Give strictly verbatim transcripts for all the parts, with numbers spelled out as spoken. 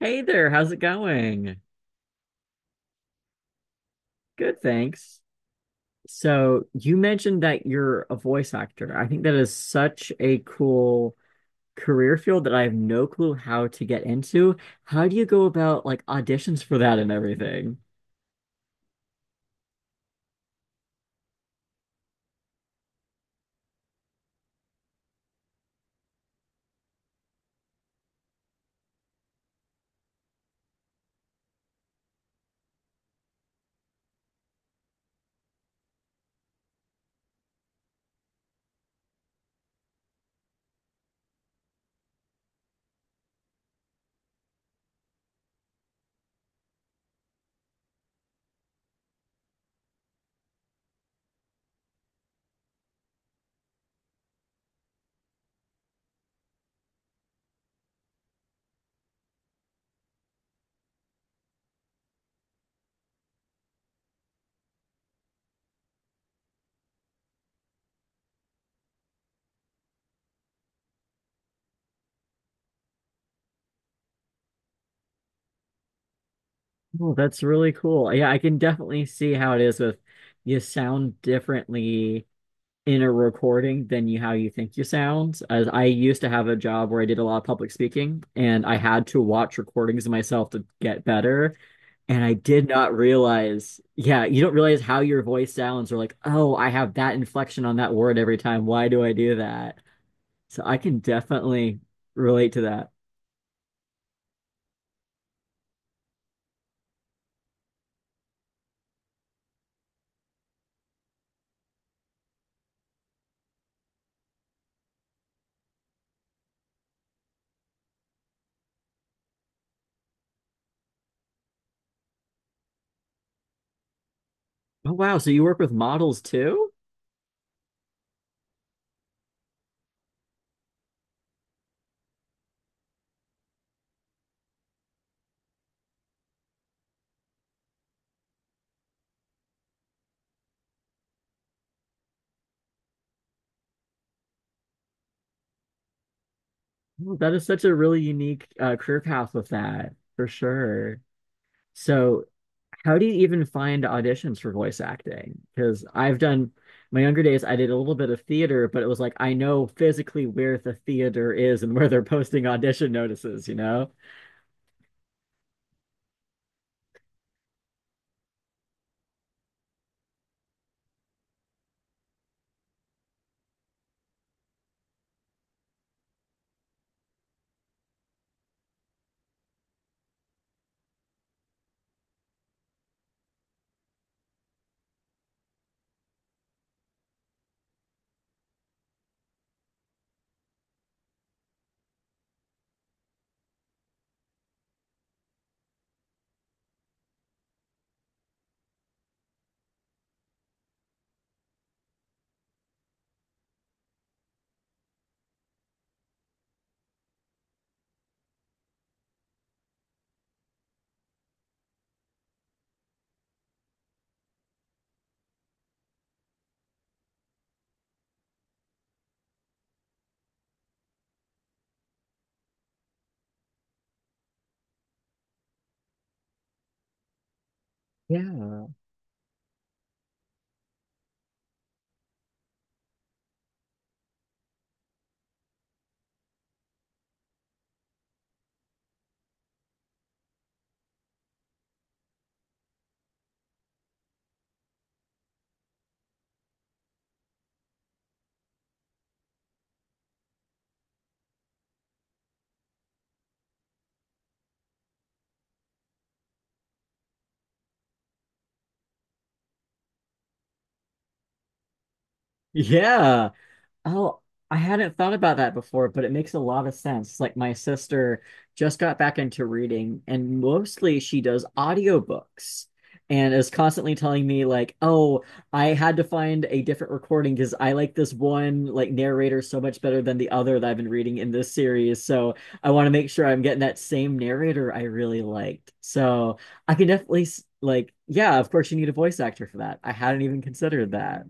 Hey there, how's it going? Good, thanks. So, you mentioned that you're a voice actor. I think that is such a cool career field that I have no clue how to get into. How do you go about like auditions for that and everything? Oh, that's really cool. Yeah, I can definitely see how it is with you sound differently in a recording than you how you think you sound. As I used to have a job where I did a lot of public speaking and I had to watch recordings of myself to get better. And I did not realize, yeah, you don't realize how your voice sounds or like, oh, I have that inflection on that word every time. Why do I do that? So I can definitely relate to that. Oh, wow. So you work with models too? Well, that is such a really unique uh, career path with that, for sure. So how do you even find auditions for voice acting? Because I've done my younger days, I did a little bit of theater, but it was like I know physically where the theater is and where they're posting audition notices, you know? Yeah. Yeah. Oh, I hadn't thought about that before, but it makes a lot of sense. Like my sister just got back into reading and mostly she does audiobooks and is constantly telling me like, "Oh, I had to find a different recording because I like this one like narrator so much better than the other that I've been reading in this series. So, I want to make sure I'm getting that same narrator I really liked." So, I can definitely s- like, yeah, of course you need a voice actor for that. I hadn't even considered that.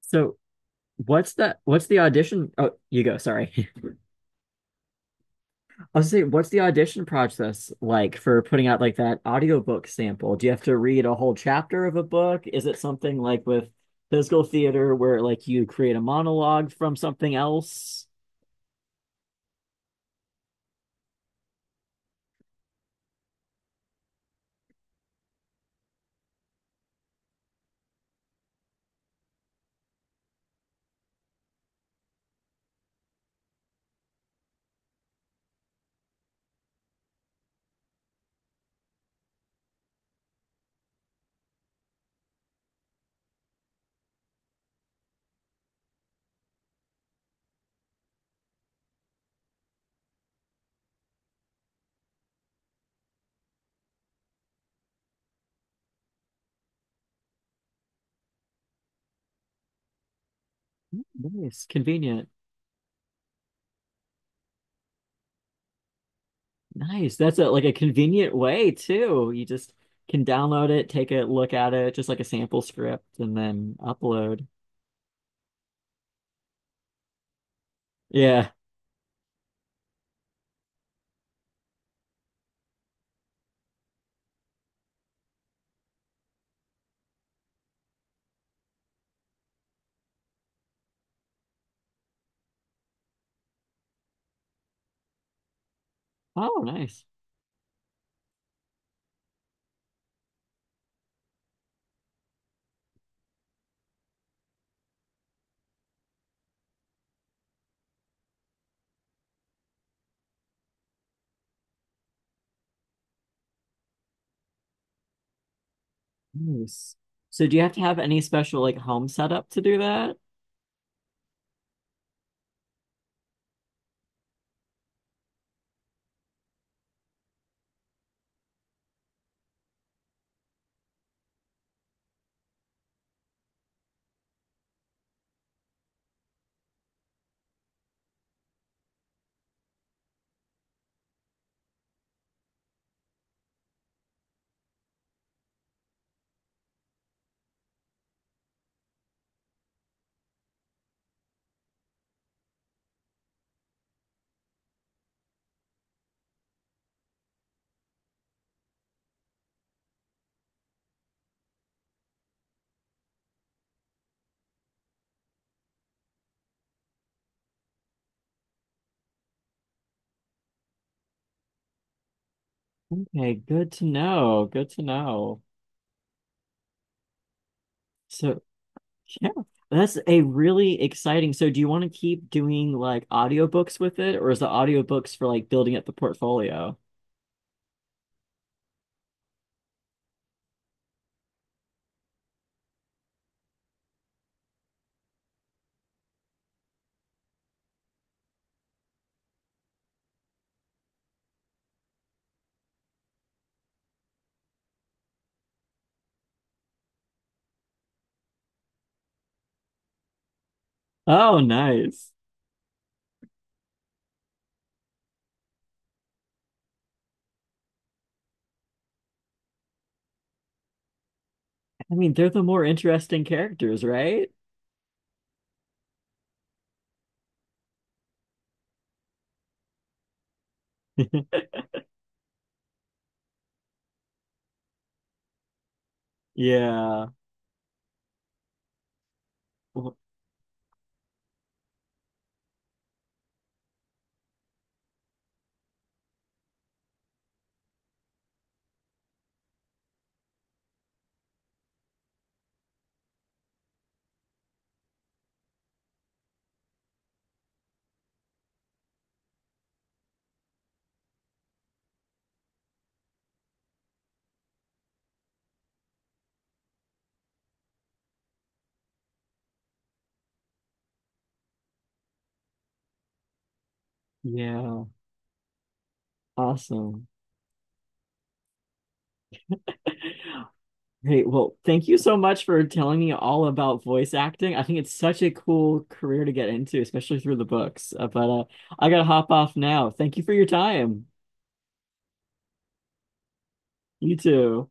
So what's the what's the audition? Oh, you go. Sorry. I was saying, what's the audition process like for putting out like that audiobook sample? Do you have to read a whole chapter of a book? Is it something like with physical theater where like you create a monologue from something else? Nice, convenient. Nice. That's a like a convenient way too. You just can download it, take a look at it, just like a sample script, and then upload. Yeah. Oh, nice. Nice. So do you have to have any special like home setup to do that? Okay, good to know. Good to know. So yeah, that's a really exciting. So do you want to keep doing like audiobooks with it, or is the audiobooks for like building up the portfolio? Oh, nice. I mean, they're the more interesting characters, right? Yeah. Well, yeah. Awesome. Hey, well, thank you so much for telling me all about voice acting. I think it's such a cool career to get into, especially through the books. Uh, but uh, I gotta hop off now. Thank you for your time. You too.